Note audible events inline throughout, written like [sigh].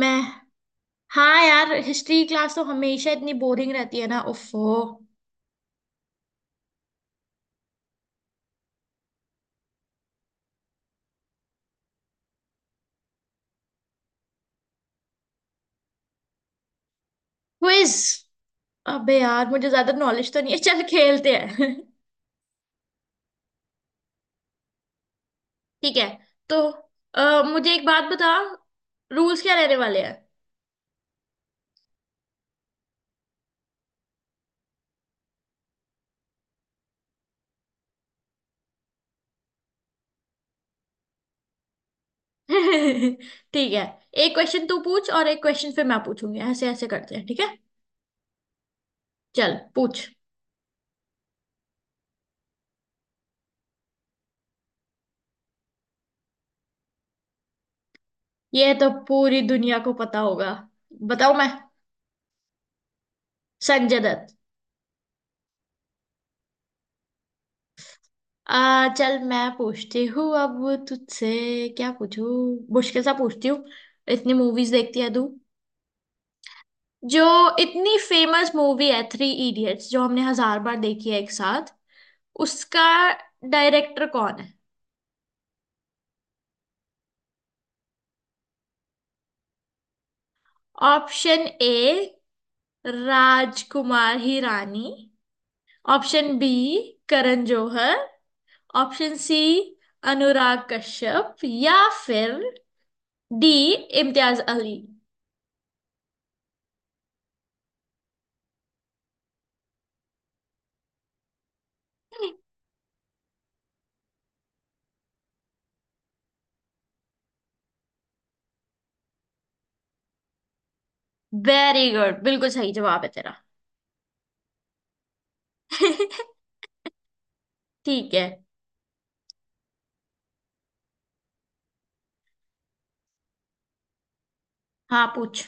मैं। हाँ यार, हिस्ट्री क्लास तो हमेशा इतनी बोरिंग रहती है ना, उफ्फो। क्विज? अबे यार, मुझे ज्यादा नॉलेज तो नहीं है, चल खेलते हैं। [laughs] ठीक है। तो मुझे एक बात बता, रूल्स क्या रहने वाले हैं? [laughs] ठीक है। एक क्वेश्चन तू पूछ और एक क्वेश्चन फिर मैं पूछूंगी, ऐसे ऐसे करते हैं, ठीक है। चल पूछ। ये तो पूरी दुनिया को पता होगा, बताओ मैं। संजय दत्त। आ, चल मैं पूछती हूँ अब तुझसे। क्या पूछूं? मुश्किल सा पूछती हूँ। इतनी मूवीज देखती है तू। जो इतनी फेमस मूवी है थ्री इडियट्स, जो हमने हजार बार देखी है एक साथ, उसका डायरेक्टर कौन है? Option A, Rajkumar Hirani. Option B, Karan Johar. Option C, Anurag Kashyap, या फिर D, Imtiaz Ali. Very good, बिल्कुल सही जवाब है तेरा। ठीक है। हाँ पूछ।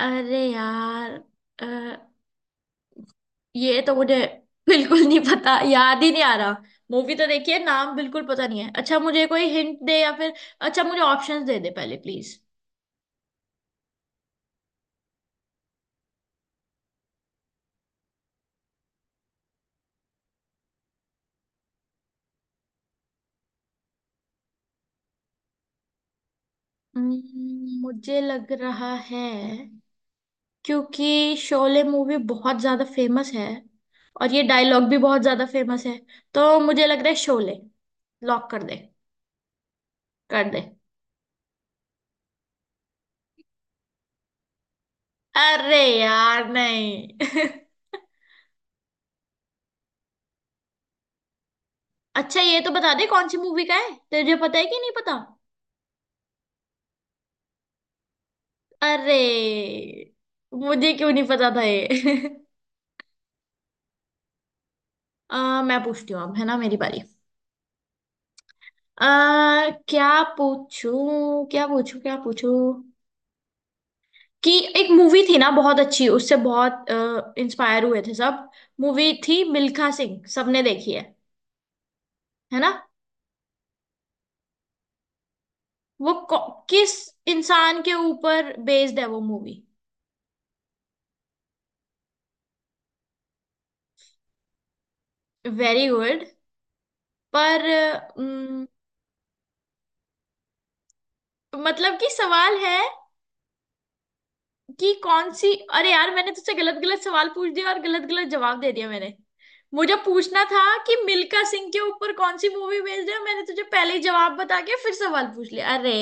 अरे यार, अ, ये तो मुझे [laughs] बिल्कुल नहीं पता, याद ही नहीं आ रहा। मूवी तो देखिए, नाम बिल्कुल पता नहीं है। अच्छा, मुझे कोई हिंट दे या फिर अच्छा, मुझे ऑप्शंस दे दे पहले प्लीज। मुझे लग रहा है क्योंकि शोले मूवी बहुत ज्यादा फेमस है और ये डायलॉग भी बहुत ज्यादा फेमस है, तो मुझे लग रहा है शोले। लॉक कर दे। कर दे। अरे यार, नहीं। [laughs] अच्छा ये तो बता दे, कौन सी मूवी का है, तुझे पता है कि नहीं पता। अरे, मुझे क्यों नहीं पता था ये? [laughs] मैं पूछती हूँ अब, है ना मेरी बारी। आ, क्या पूछूं, क्या पूछूं, क्या पूछूं? कि एक मूवी थी ना बहुत अच्छी, उससे बहुत इंस्पायर हुए थे सब। मूवी थी मिल्खा सिंह, सबने देखी है ना? वो किस इंसान के ऊपर बेस्ड है वो मूवी? Very good. पर मतलब कि सवाल है कि कौन सी, अरे यार, मैंने तुझसे गलत गलत सवाल पूछ दिया और गलत गलत जवाब दे दिया मैंने। मुझे पूछना था कि मिल्खा सिंह के ऊपर कौन सी मूवी बेस्ड है। मैंने तुझे पहले ही जवाब बता के फिर सवाल पूछ लिया, अरे।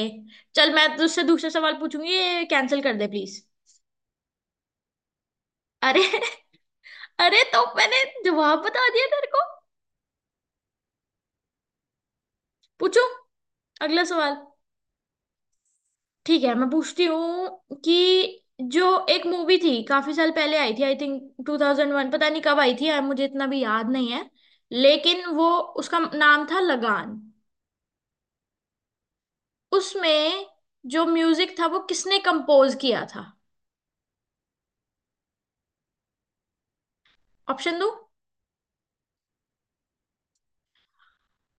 चल मैं तुझसे दूसरा सवाल पूछूंगी, ये कैंसिल कर दे प्लीज। अरे [laughs] अरे, तो मैंने जवाब बता दिया तेरे को। पूछो अगला सवाल। ठीक है, मैं पूछती हूँ कि जो एक मूवी थी काफी साल पहले, आई थी आई थिंक 2001, पता नहीं कब आई थी यार, मुझे इतना भी याद नहीं है। लेकिन वो, उसका नाम था लगान। उसमें जो म्यूजिक था वो किसने कंपोज किया था? ऑप्शन दो।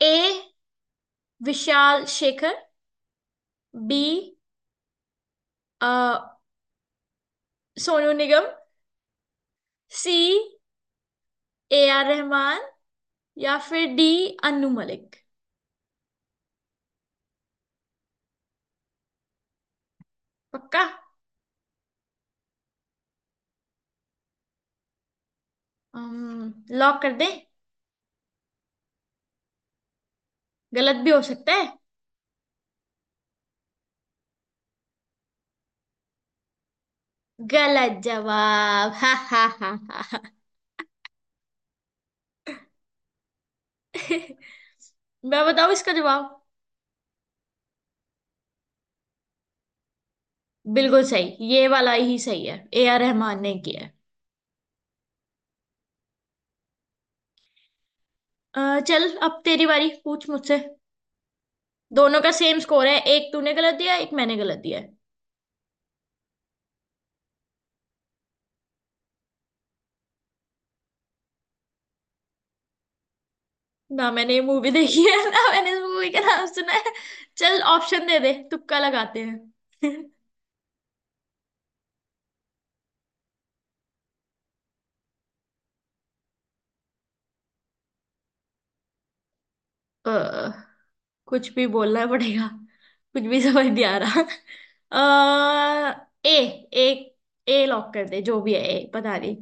A, Vishal Shekhar. B, Sonu Nigam. C, A R Rahman. या फिर डी, अनु मलिक। पक्का? लॉक कर दे। गलत भी हो सकता है। गलत जवाब, हा हा हा हा हा। [laughs] मैं बताऊं इसका जवाब। बिल्कुल सही, ये वाला ही सही है, ए आर रहमान ने किया है। चल अब तेरी बारी, पूछ मुझसे। दोनों का सेम स्कोर है, एक तूने गलत दिया, एक मैंने गलत दिया। है ना मैंने ये मूवी देखी है, [laughs] ना मैंने इस मूवी का नाम सुना है। चल ऑप्शन दे दे, तुक्का लगाते हैं। [laughs] अ, कुछ भी बोलना पड़ेगा, कुछ भी समझ नहीं आ रहा। ए, ए, ए लॉक कर दे जो भी है ए, पता नहीं।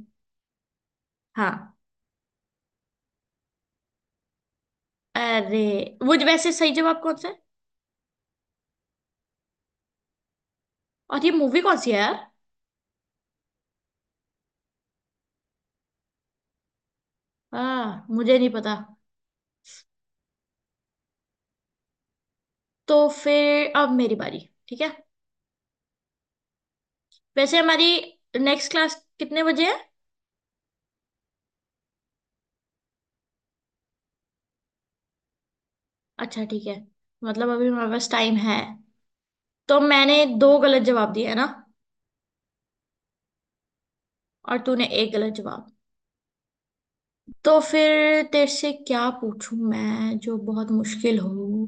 हाँ। अरे, वैसे सही जवाब कौन सा है? और ये मूवी कौन सी है यार? हाँ, मुझे नहीं पता। तो फिर अब मेरी बारी। ठीक है। वैसे हमारी नेक्स्ट क्लास कितने बजे है? अच्छा ठीक है, मतलब अभी हमारे पास टाइम है। तो मैंने दो गलत जवाब दिए है ना, और तूने एक गलत जवाब। तो फिर तेरे से क्या पूछूं मैं जो बहुत मुश्किल हो?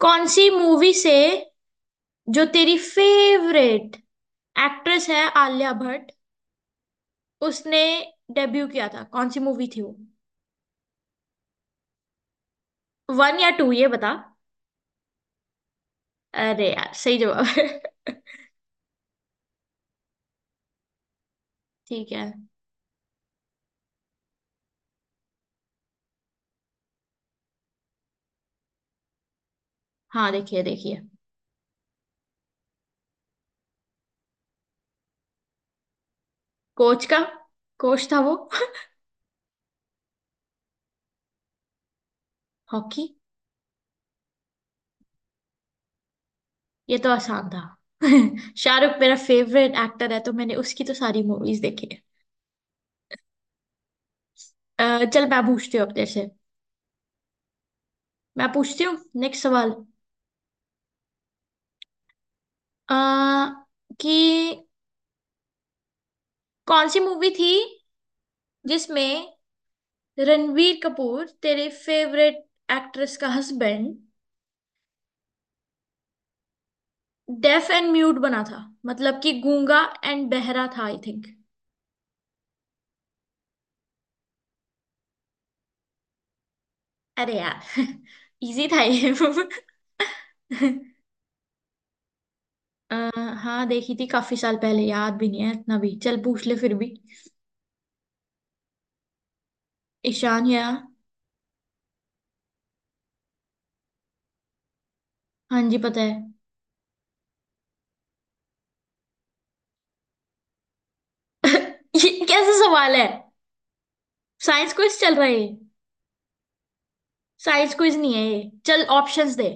कौन सी मूवी से, जो तेरी फेवरेट एक्ट्रेस है आलिया भट्ट, उसने डेब्यू किया था, कौन सी मूवी थी वो? वन या टू, ये बता। अरे यार, सही जवाब है। [laughs] ठीक है। हाँ देखिए देखिए। कोच का, कोच था वो। हॉकी। ये तो आसान था, [laughs] शाहरुख मेरा फेवरेट एक्टर है, तो मैंने उसकी तो सारी मूवीज देखी है। चल मैं पूछती हूँ अब तेरे से, मैं पूछती हूँ नेक्स्ट सवाल। आ, कि कौन सी मूवी थी जिसमें रणवीर कपूर तेरे फेवरेट एक्ट्रेस का हस्बैंड डेफ एंड म्यूट बना था, मतलब कि गूंगा एंड बहरा था, आई थिंक। अरे यार, [laughs] इजी था ये। [laughs] आ, हाँ देखी थी काफी साल पहले, याद भी नहीं है इतना भी, चल पूछ ले फिर भी। ईशान या? हाँ जी पता है। [laughs] ये कैसा सवाल है, साइंस क्विज चल रहा है ये? साइंस क्विज नहीं है ये, चल ऑप्शंस दे।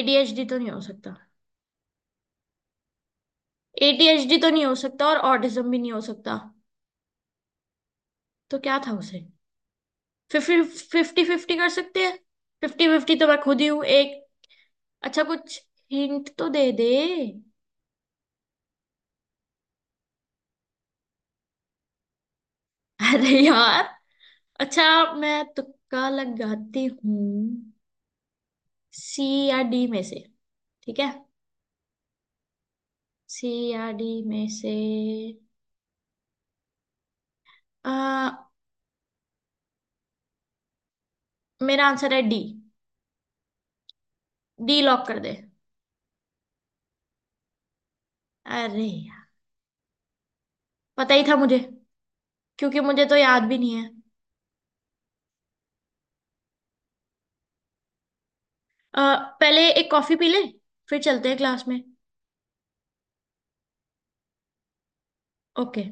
एडीएचडी तो नहीं हो सकता। एडीएचडी तो नहीं हो सकता और ऑटिज्म भी नहीं हो सकता। तो क्या था उसे? फिफ्टी फिफ्टी, फिफ्टी कर सकते हैं? फिफ्टी फिफ्टी तो मैं खुद ही हूँ एक। अच्छा कुछ हिंट तो दे दे। अरे यार। अच्छा, मैं तुक्का लगाती हूँ। सी या डी में से, ठीक है। सी या डी में से, आ, मेरा आंसर है डी। डी लॉक कर दे। अरे यार, पता ही था मुझे, क्योंकि मुझे तो याद भी नहीं है। अ, पहले एक कॉफी पी ले, फिर चलते हैं क्लास में। ओके।